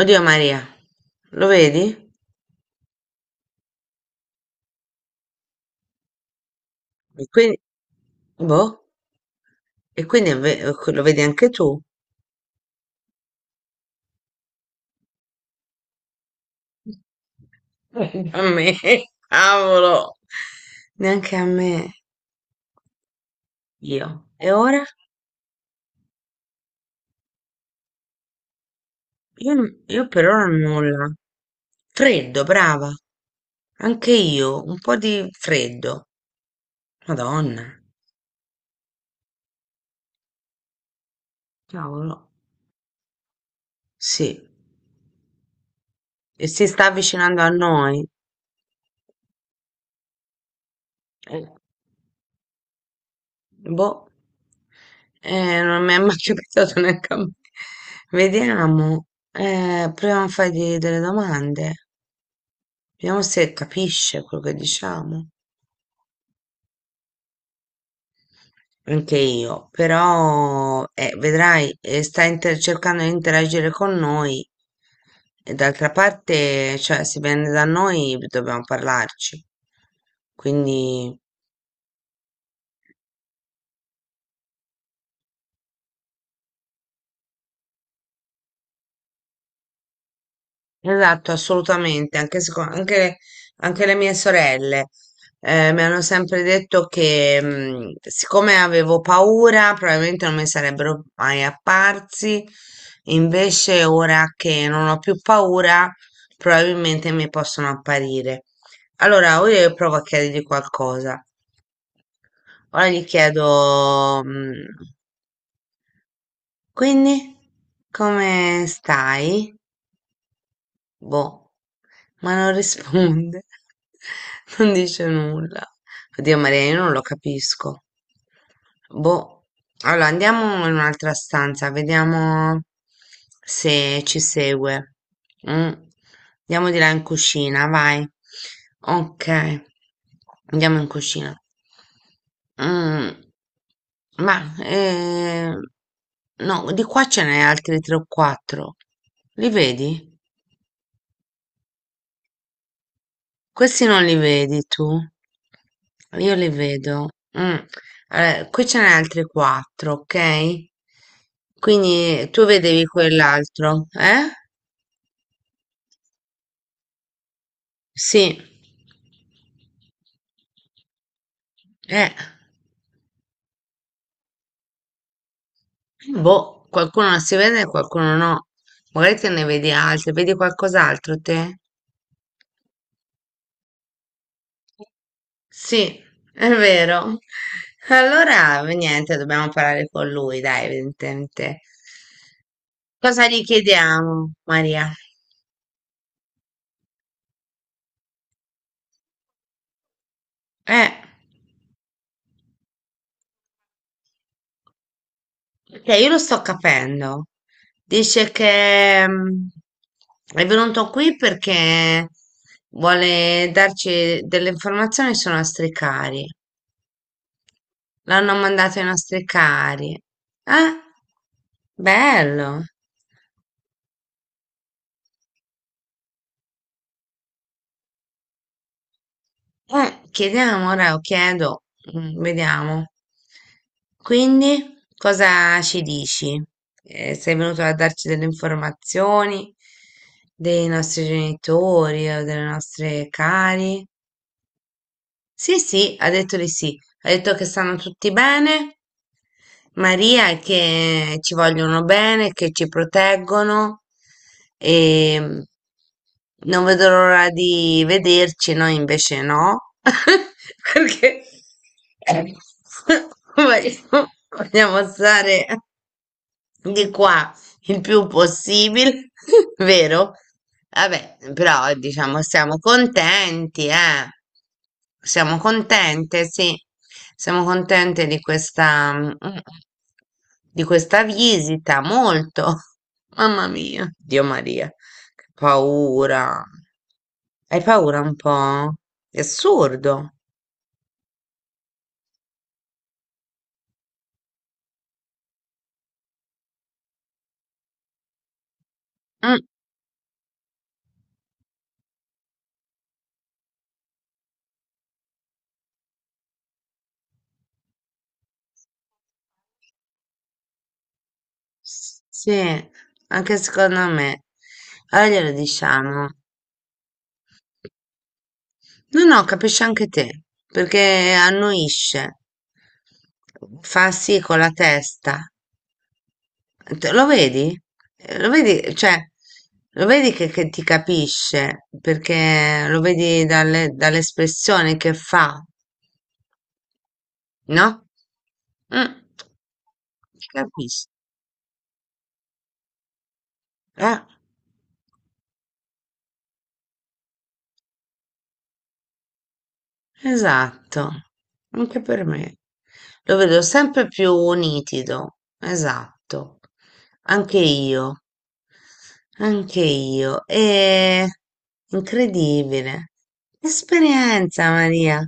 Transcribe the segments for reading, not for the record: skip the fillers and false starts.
Oddio Maria, lo vedi? E quindi, boh, e quindi lo vedi anche tu? A me, cavolo, neanche a me, io. E ora? Io, io per ora nulla. Freddo, brava. Anche io, un po' di freddo. Madonna, cavolo. Sì, e si sta avvicinando a noi. Boh, non mi è mai capitato neanche a me. Vediamo, proviamo a fargli delle domande, vediamo se capisce quello che diciamo. Anche io, però, vedrai, cercando di interagire con noi e d'altra parte, cioè, se viene da noi dobbiamo parlarci. Quindi. Esatto, assolutamente, anche le mie sorelle mi hanno sempre detto che siccome avevo paura, probabilmente non mi sarebbero mai apparsi, invece ora che non ho più paura, probabilmente mi possono apparire. Allora, io provo a chiedergli qualcosa. Ora gli chiedo, quindi, come stai? Boh, ma non risponde, non dice nulla. Oddio Maria, io non lo capisco. Boh, allora andiamo in un'altra stanza, vediamo se ci segue. Mm. Andiamo di là in cucina, vai. Ok, andiamo in cucina. Mm, Ma, no, di qua ce n'è altri 3 o 4. Li vedi? Questi non li vedi tu? Io li vedo. Mm. Allora, qui ce n'è altri quattro, ok? Quindi tu vedevi quell'altro, eh? Sì, eh. Boh, qualcuno non si vede e qualcuno no. Magari te ne vedi altri, vedi qualcos'altro te? Sì, è vero. Allora, niente, dobbiamo parlare con lui, dai, evidentemente. Cosa gli chiediamo, Maria? Eh. Perché io lo sto capendo. Dice che è venuto qui perché vuole darci delle informazioni sui nostri cari. L'hanno mandato ai nostri cari. Eh? Bello. Chiediamo ora, o chiedo, vediamo. Quindi, cosa ci dici? Sei venuto a darci delle informazioni dei nostri genitori o delle nostre cari? Sì, sì, ha detto di sì. Ha detto che stanno tutti bene. Maria è che ci vogliono bene, che ci proteggono e non vedo l'ora di vederci, noi invece no, perché eh, vogliamo stare di qua. Il più possibile, vero? Vabbè, però diciamo siamo contenti, eh. Siamo contente, sì. Siamo contente di questa, di questa visita, molto. Mamma mia, Dio Maria, che paura. Hai paura un po'? È assurdo. Mm, sì, anche secondo me. Allora glielo diciamo. No, no, capisci anche te, perché annuisce, fa sì con la testa. Lo vedi? Lo vedi, cioè, lo vedi che ti capisce, perché lo vedi dalle, dall'espressione che fa, no? Mm. Ti capisce, eh? Esatto, anche per me. Lo vedo sempre più nitido, esatto. Anche io, anche io. È incredibile. Esperienza, Maria.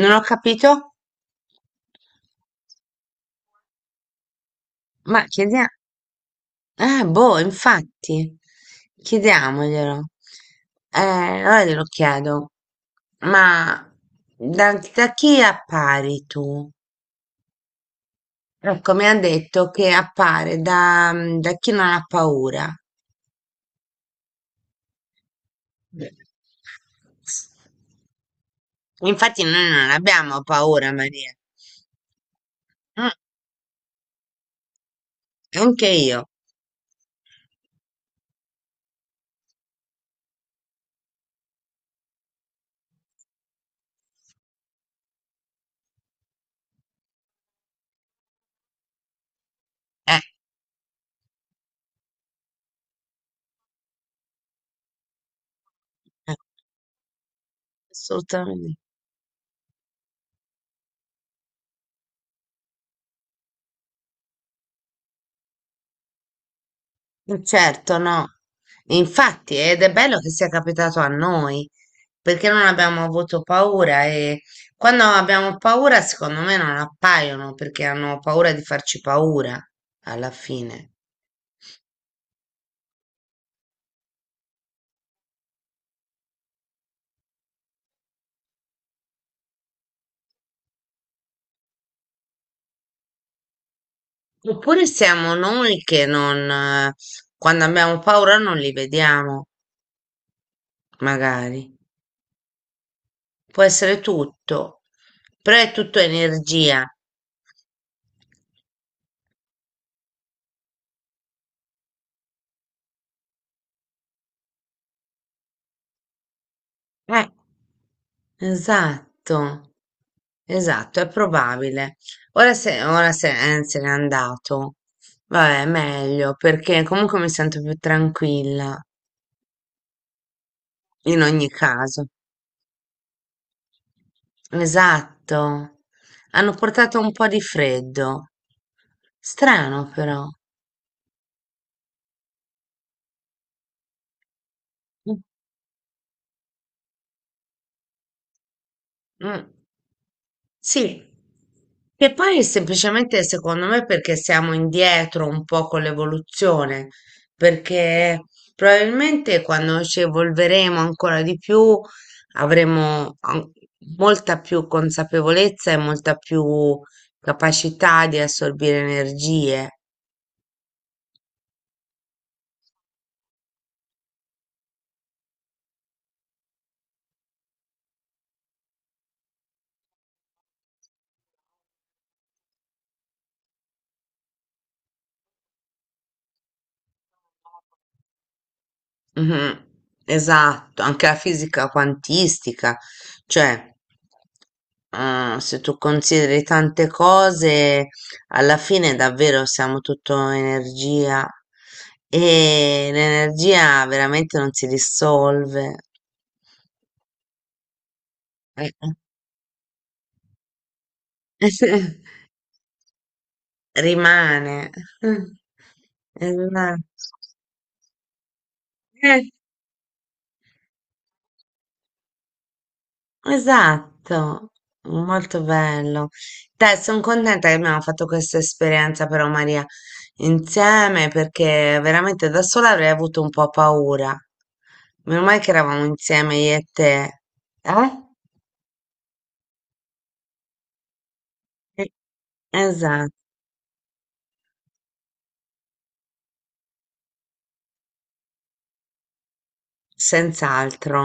Non ho capito? Ma chiediamo, boh, infatti, chiediamoglielo. Allora glielo chiedo, ma da chi appari tu? Ecco, mi ha detto che appare da, da chi non ha paura. Infatti noi non abbiamo paura, Maria. Mm, anche io. Eh, eh, assolutamente. Certo, no. Infatti, ed è bello che sia capitato a noi, perché non abbiamo avuto paura e quando abbiamo paura, secondo me non appaiono, perché hanno paura di farci paura alla fine. Oppure siamo noi che non, quando abbiamo paura non li vediamo, magari. Può essere tutto, però è tutto energia. Eh, esatto, esatto, è probabile. Ora se, se n'è andato, vabbè, meglio, perché comunque mi sento più tranquilla, in ogni caso. Esatto, hanno portato un po' di freddo. Strano però. Mm, sì, che poi semplicemente secondo me perché siamo indietro un po' con l'evoluzione, perché probabilmente quando ci evolveremo ancora di più avremo molta più consapevolezza e molta più capacità di assorbire energie. Mhm. Esatto, anche la fisica quantistica, cioè se tu consideri tante cose, alla fine davvero siamo tutto energia e l'energia veramente non si dissolve, eh, eh, rimane. Esatto. Esatto, molto bello. Dai, sono contenta che abbiamo fatto questa esperienza però Maria insieme perché veramente da sola avrei avuto un po' paura. Meno male che eravamo insieme io e te. Eh? Eh, Esatto, senz'altro.